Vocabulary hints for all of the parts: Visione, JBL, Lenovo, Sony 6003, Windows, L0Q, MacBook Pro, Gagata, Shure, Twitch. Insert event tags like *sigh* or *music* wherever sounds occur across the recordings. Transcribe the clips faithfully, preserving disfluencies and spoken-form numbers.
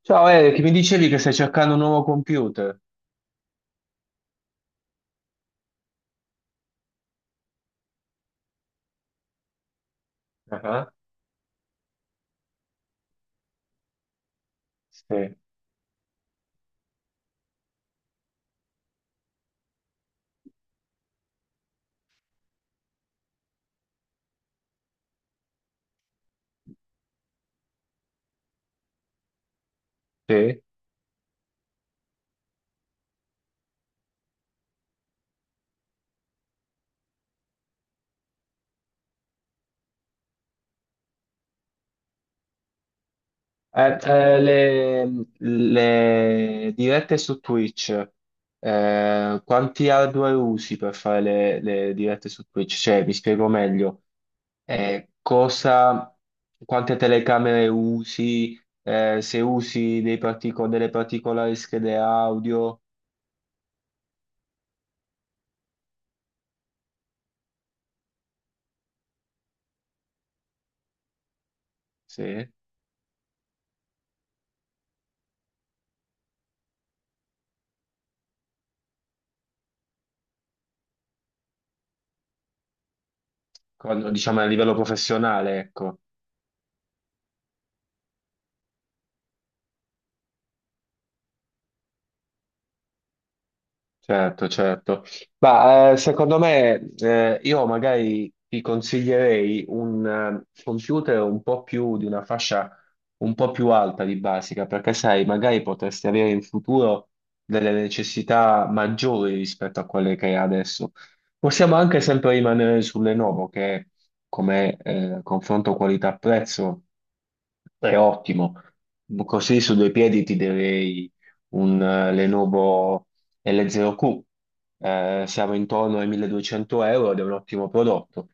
Ciao Eric, mi dicevi che stai cercando un nuovo computer? Ah, sì, sì. Eh, eh, le, le dirette su Twitch, eh, quanti hardware usi per fare le, le dirette su Twitch? Cioè, mi spiego meglio, eh, cosa, quante telecamere usi, eh, se usi dei partico- delle particolari schede audio, sì. Quando- diciamo a livello professionale, ecco. Certo, certo. Ma eh, secondo me eh, io magari ti consiglierei un eh, computer un po' più di una fascia un po' più alta di basica, perché sai, magari potresti avere in futuro delle necessità maggiori rispetto a quelle che hai adesso. Possiamo anche sempre rimanere su Lenovo, che come eh, confronto qualità-prezzo è ottimo. Così su due piedi ti direi un eh, Lenovo L zero Q, eh, siamo intorno ai milleduecento euro ed è un ottimo prodotto.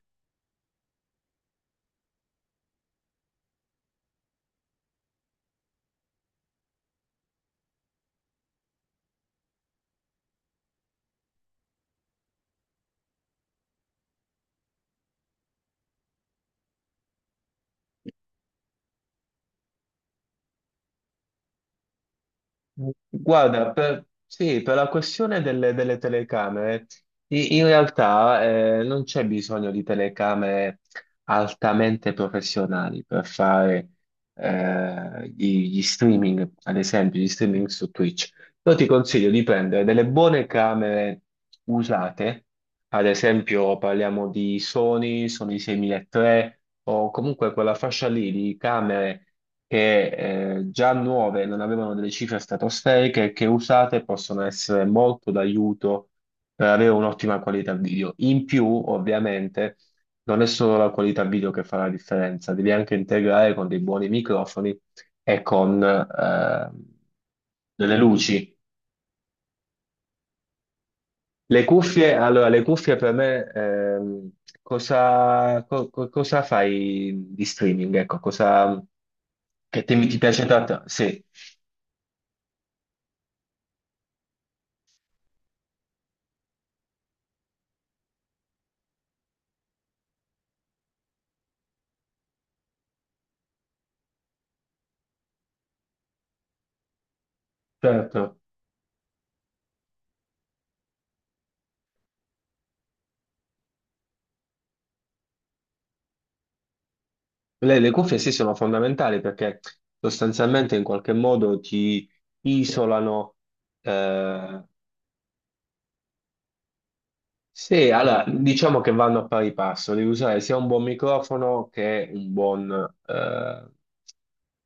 Guarda, per, sì, per la questione delle, delle telecamere, i- in realtà eh, non c'è bisogno di telecamere altamente professionali per fare eh, gli, gli streaming, ad esempio, gli streaming su Twitch. Io ti consiglio di prendere delle buone camere usate, ad esempio parliamo di Sony, Sony seimilatré, o comunque quella fascia lì di camere che eh, già nuove non avevano delle cifre stratosferiche e che usate possono essere molto d'aiuto per avere un'ottima qualità video. In più, ovviamente, non è solo la qualità video che fa la differenza, devi anche integrare con dei buoni microfoni e con eh, delle luci. Le cuffie, allora, le cuffie per me, ehm, cosa, co- co- cosa fai di streaming? Ecco, cosa, che temi ti Di piace streaming tanto? Sì. Certo. Le, le cuffie sì sono fondamentali perché sostanzialmente in qualche modo ti isolano. eh, sì, allora diciamo che vanno a pari passo, devi usare sia un buon microfono che un buon, eh,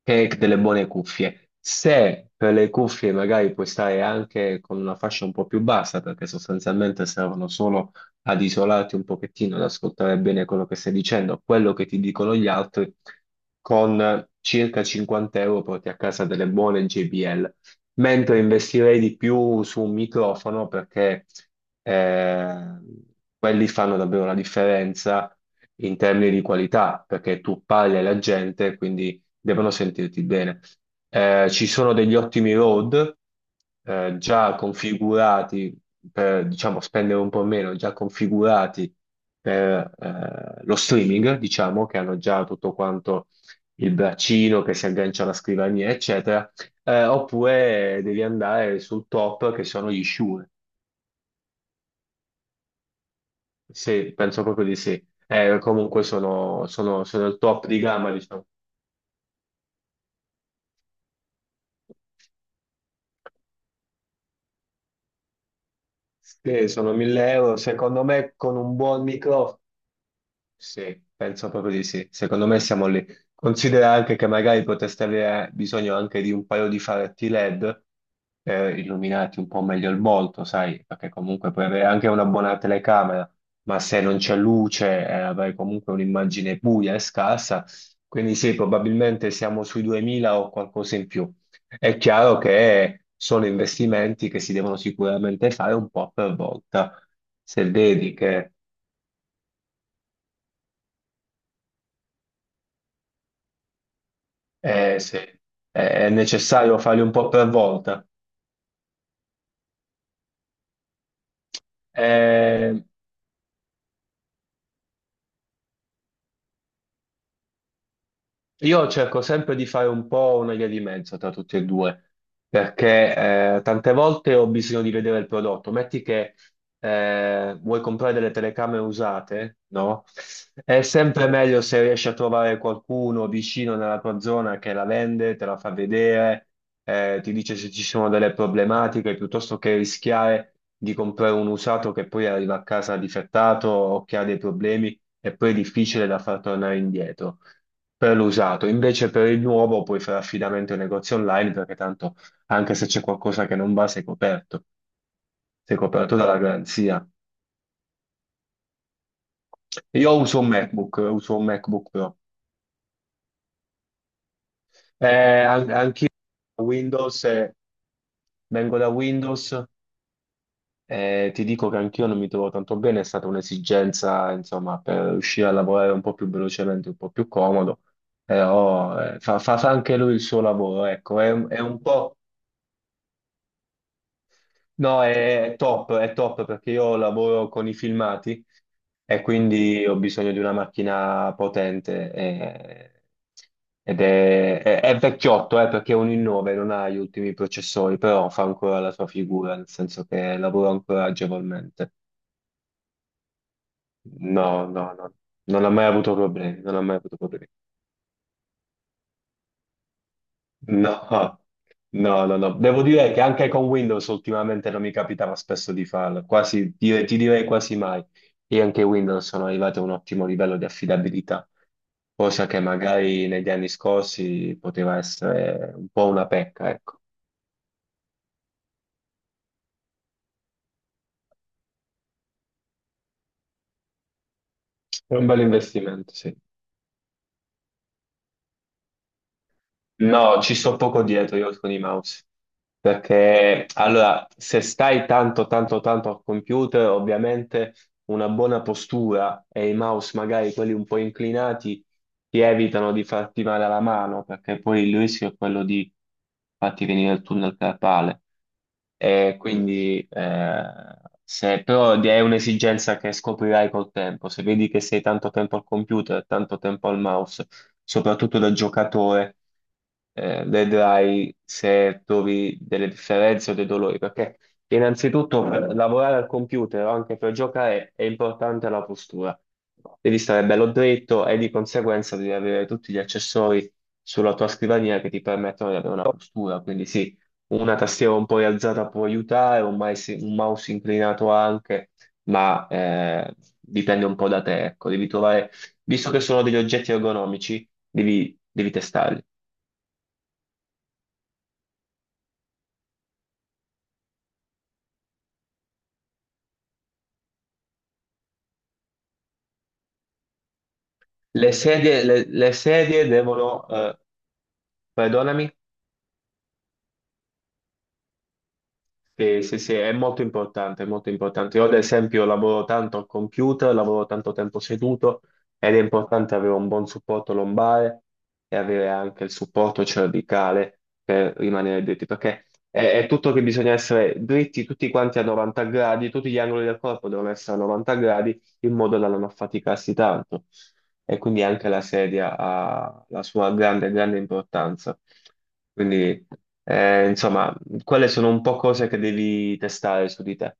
Cake delle buone cuffie. Se per le cuffie magari puoi stare anche con una fascia un po' più bassa, perché sostanzialmente servono solo ad isolarti un pochettino, ad ascoltare bene quello che stai dicendo, quello che ti dicono gli altri, con circa cinquanta euro porti a casa delle buone J B L. Mentre investirei di più su un microfono perché eh, quelli fanno davvero la differenza in termini di qualità, perché tu parli alla gente, quindi devono sentirti bene. Eh, ci sono degli ottimi road eh, già configurati per, diciamo, spendere un po' meno, già configurati per eh, lo streaming, diciamo, che hanno già tutto quanto il braccino che si aggancia alla scrivania, eccetera. Eh, oppure devi andare sul top che sono gli Shure. Sì, penso proprio di sì. Eh, comunque sono, sono sono il top di gamma, diciamo. Sì, sono mille euro. Secondo me con un buon microfono sì, penso proprio di sì. Secondo me siamo lì. Considera anche che magari potreste avere bisogno anche di un paio di faretti LED per illuminarti un po' meglio il volto, sai, perché comunque puoi avere anche una buona telecamera, ma se non c'è luce, eh, avrai comunque un'immagine buia e scarsa. Quindi sì, probabilmente siamo sui duemila o qualcosa in più. È chiaro che sono investimenti che si devono sicuramente fare un po' per volta. Se vedi che. Eh sì, è necessario farli un po' per volta. Eh, io cerco sempre di fare un po' una via di mezzo tra tutti e due, perché eh, tante volte ho bisogno di vedere il prodotto. Metti che eh, vuoi comprare delle telecamere usate, no? È sempre meglio se riesci a trovare qualcuno vicino nella tua zona che la vende, te la fa vedere, eh, ti dice se ci sono delle problematiche, piuttosto che rischiare di comprare un usato che poi arriva a casa difettato o che ha dei problemi e poi è difficile da far tornare indietro. Per l'usato, invece per il nuovo puoi fare affidamento ai negozi online perché tanto anche se c'è qualcosa che non va, sei coperto, sei coperto dalla garanzia. Io uso un MacBook, uso un MacBook Pro. Eh, an- anch'io Windows, eh, vengo da Windows e ti dico che anch'io non mi trovo tanto bene, è stata un'esigenza, insomma, per riuscire a lavorare un po' più velocemente, un po' più comodo, però eh, fa, fa fa anche lui il suo lavoro, ecco, è, è un po'. No, è top, è top perché io lavoro con i filmati E quindi ho bisogno di una macchina potente e- ed è, è- è vecchiotto, eh, perché è un i nove, non ha gli ultimi processori, però fa ancora la sua figura, nel senso che lavora ancora agevolmente. No, no, no, non ha mai avuto problemi, non ha mai avuto problemi. No, no, no, no. Devo dire che anche con Windows ultimamente non mi capitava spesso di farlo, quasi, dire- ti direi quasi mai. Io anche Windows sono arrivato a un ottimo livello di affidabilità, cosa che magari negli anni scorsi poteva essere un po' una pecca, ecco. È un bel investimento, sì. No, ci sto poco dietro io con i mouse. Perché allora, se stai tanto, tanto, tanto al computer, ovviamente una buona postura e i mouse magari quelli un po' inclinati ti evitano di farti male alla mano, perché poi il rischio è quello di farti venire il tunnel carpale. E quindi, eh, se però è un'esigenza che scoprirai col tempo, se vedi che sei tanto tempo al computer, tanto tempo al mouse, soprattutto da giocatore, eh, vedrai se trovi delle differenze o dei dolori, perché Innanzitutto, per lavorare al computer o anche per giocare è importante la postura. Devi stare bello dritto e di conseguenza devi avere tutti gli accessori sulla tua scrivania che ti permettono di avere una postura. Quindi sì, una tastiera un po' rialzata può aiutare, un mouse, un mouse inclinato anche, ma eh, dipende un po' da te. Ecco, devi trovare, visto che sono degli oggetti ergonomici, devi, devi testarli. Le sedie, le- le sedie devono, eh, perdonami. Sì, sì, sì, è molto importante, è molto importante. Io ad esempio lavoro tanto al computer, lavoro tanto tempo seduto ed è importante avere un buon supporto lombare e avere anche il supporto cervicale per rimanere dritti, perché è, è tutto che bisogna essere dritti tutti quanti a novanta gradi, tutti gli angoli del corpo devono essere a novanta gradi in modo da non affaticarsi tanto. E quindi anche la sedia ha la sua grande, grande importanza. Quindi. Eh, insomma, quelle sono un po' cose che devi testare su di te.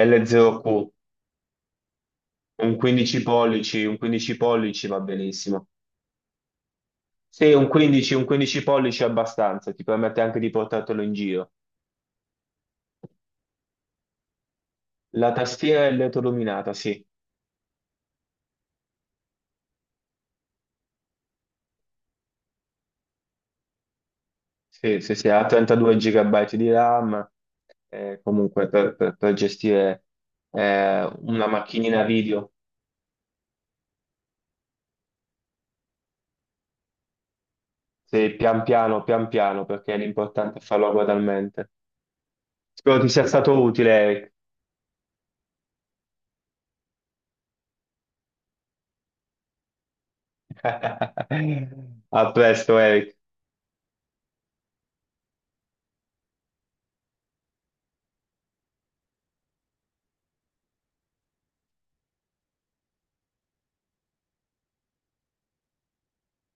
L zero Q, un quindici pollici, un quindici pollici va benissimo. Sì, un quindici, un quindici pollici è abbastanza, ti permette anche di portartelo in giro. La tastiera è LED illuminata, sì. Sì, sì, sì, ha trentadue gigabyte di RAM, eh, comunque per, per- per gestire eh, una macchinina video, sì, pian piano, pian piano, perché l'importante è farlo gradualmente. Spero ti sia stato utile, Eric. *laughs* A presto, Eric.